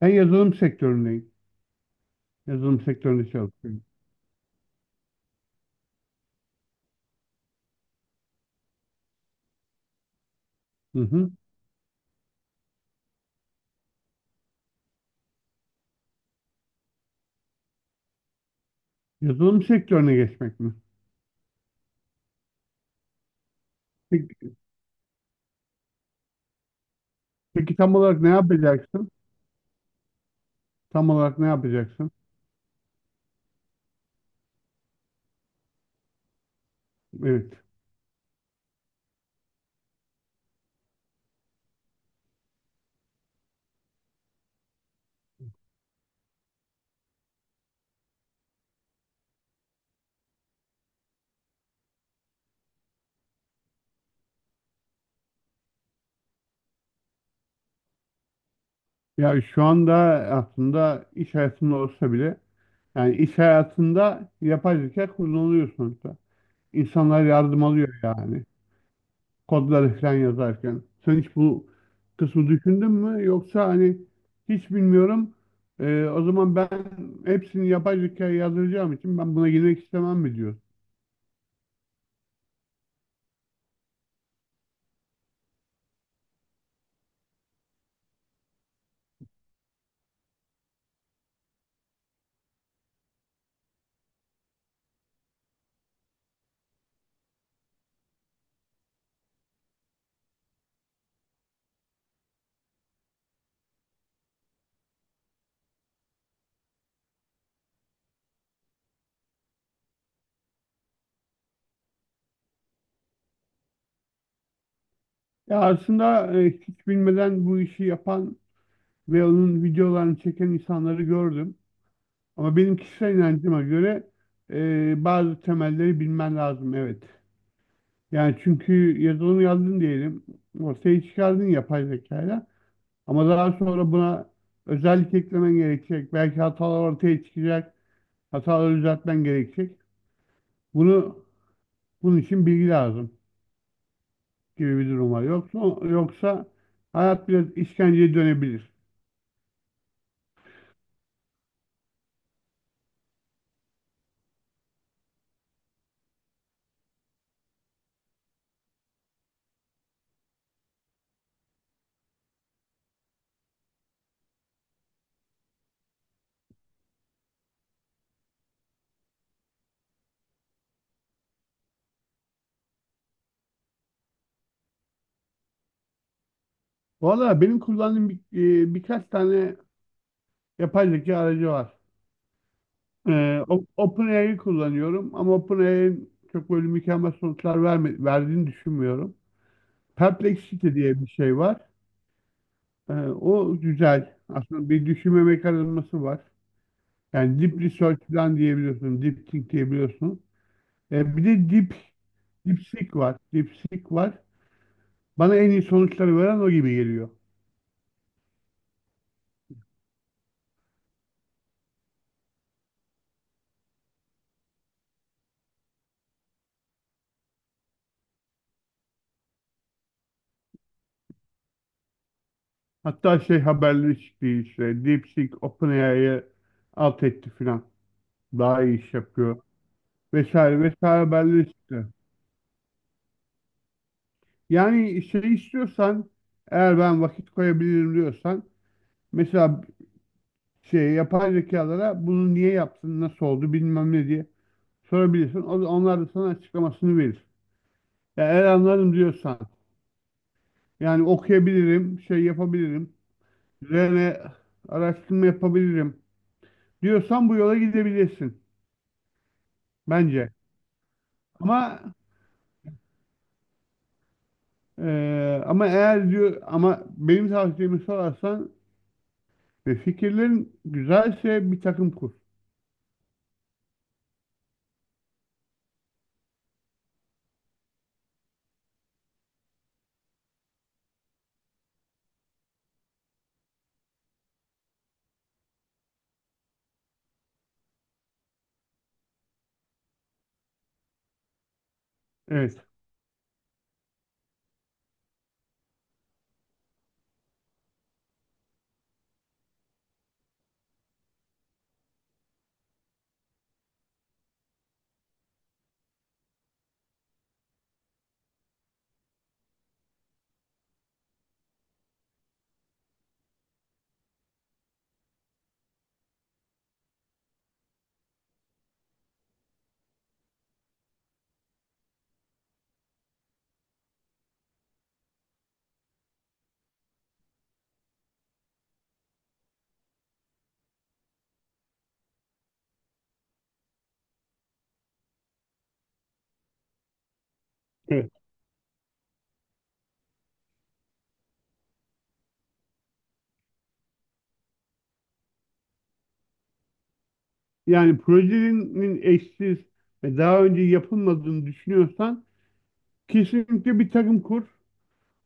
Ben yazılım sektöründeyim. Yazılım sektöründe çalışıyorum. Hı hı. Yazılım sektörüne geçmek mi? Peki, peki tam olarak ne yapacaksın? Tam olarak ne yapacaksın? Evet. Ya şu anda aslında iş hayatında olsa bile yani iş hayatında yapay zeka kullanılıyor sonuçta. İnsanlar yardım alıyor yani kodları falan yazarken. Sen hiç bu kısmı düşündün mü? Yoksa hani hiç bilmiyorum. O zaman ben hepsini yapay zekaya yazdıracağım için ben buna girmek istemem mi diyor. Ya aslında hiç bilmeden bu işi yapan ve onun videolarını çeken insanları gördüm. Ama benim kişisel inancıma göre bazı temelleri bilmen lazım, evet. Yani çünkü yazılım yazdın diyelim. Ortaya çıkardın yapay zekayla. Ama daha sonra buna özellik eklemen gerekecek. Belki hatalar ortaya çıkacak. Hataları düzeltmen gerekecek. Bunu bunun için bilgi lazım gibi bir durum var. Yoksa hayat biraz işkenceye dönebilir. Valla benim kullandığım bir, birkaç tane yapay zeka aracı var. OpenAI'yi kullanıyorum ama OpenAI'nin çok böyle mükemmel sonuçlar verdiğini düşünmüyorum. Perplexity diye bir şey var. O güzel. Aslında bir düşünme mekanizması var. Yani deep research falan diyebiliyorsun. Deep think diyebiliyorsun. Bir de deep seek var. Deep seek var. Bana en iyi sonuçları veren o gibi geliyor. Hatta şey, haberleri çıktı işte. DeepSeek OpenAI'ye alt etti filan. Daha iyi iş yapıyor. Vesaire vesaire haberleri çıktı. Yani şey istiyorsan, eğer ben vakit koyabilirim diyorsan, mesela şey, yapay zekalara bunu niye yaptın, nasıl oldu, bilmem ne diye sorabilirsin. Onlar da sana açıklamasını verir. Ya eğer anlarım diyorsan, yani okuyabilirim, şey yapabilirim, üzerine araştırma yapabilirim diyorsan bu yola gidebilirsin bence. Ama ama eğer diyor, ama benim tavsiyemi sorarsan ve fikirlerin güzelse bir takım kur. Evet. Yani projenin eşsiz ve daha önce yapılmadığını düşünüyorsan kesinlikle bir takım kur.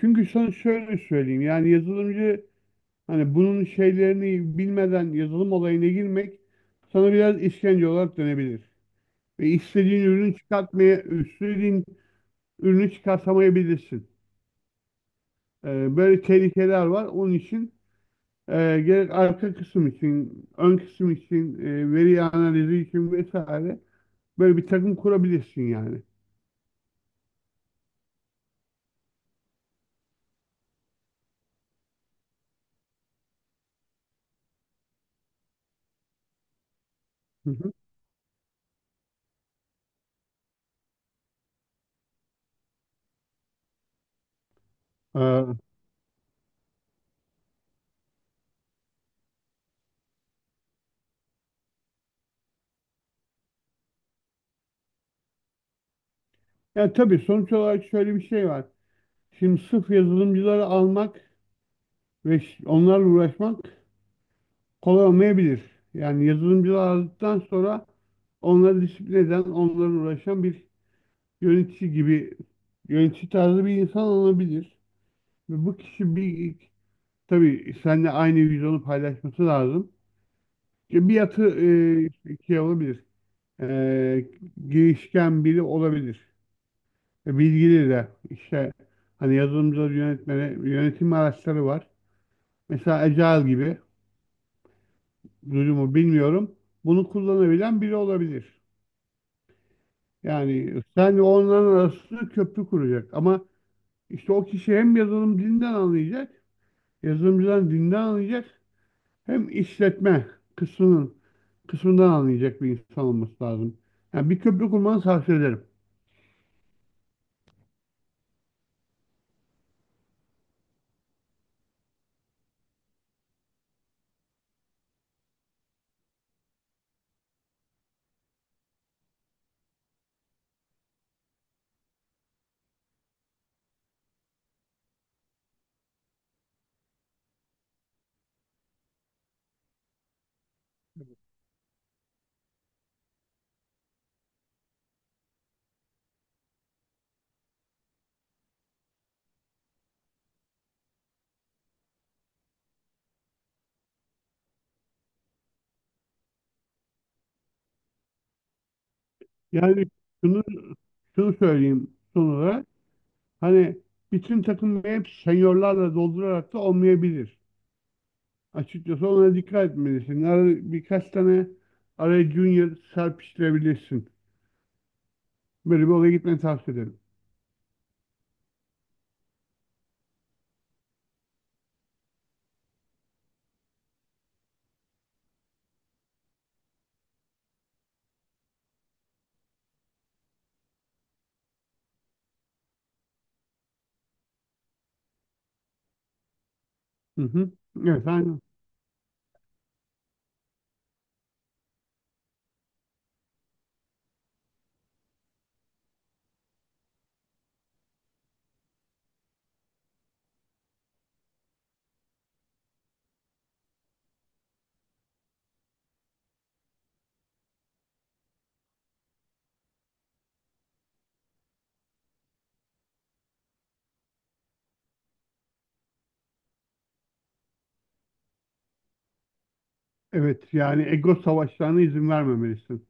Çünkü sana şöyle söyleyeyim, yani yazılımcı, hani bunun şeylerini bilmeden yazılım olayına girmek sana biraz işkence olarak dönebilir. Ve istediğin ürünü çıkartamayabilirsin. Böyle tehlikeler var. Onun için gerek arka kısım için, ön kısım için, veri analizi için vesaire, böyle bir takım kurabilirsin yani. Hı hı. Ee, Yani tabii sonuç olarak şöyle bir şey var. Şimdi sırf yazılımcıları almak ve onlarla uğraşmak kolay olmayabilir. Yani yazılımcıları aldıktan sonra onları disiplin eden, onlarla uğraşan bir yönetici gibi, yönetici tarzı bir insan olabilir. Ve bu kişi bir, tabii seninle aynı vizyonu paylaşması lazım. İşte bir yatı, şey olabilir. E, Girişken biri olabilir. Bilgili de. İşte hani yazılımcıları yönetmeni, yönetim araçları var. Mesela Agile gibi durumu bilmiyorum. Bunu kullanabilen biri olabilir. Yani sen onların arasında köprü kuracak. Ama işte o kişi hem yazılım dilinden anlayacak, yazılımcıdan dinden anlayacak, hem işletme kısmının kısmından anlayacak bir insan olması lazım. Yani bir köprü kurmanı tavsiye ederim. Yani şunu şunu söyleyeyim son olarak. Hani bütün takımı hep seniorlarla doldurarak da olmayabilir. Açıkçası ona dikkat etmelisin. Birkaç tane araya junior serpiştirebilirsin. Böyle bir olaya gitmeni tavsiye ederim. Hı hı. Evet, aynen. Evet, yani ego savaşlarına izin vermemelisin.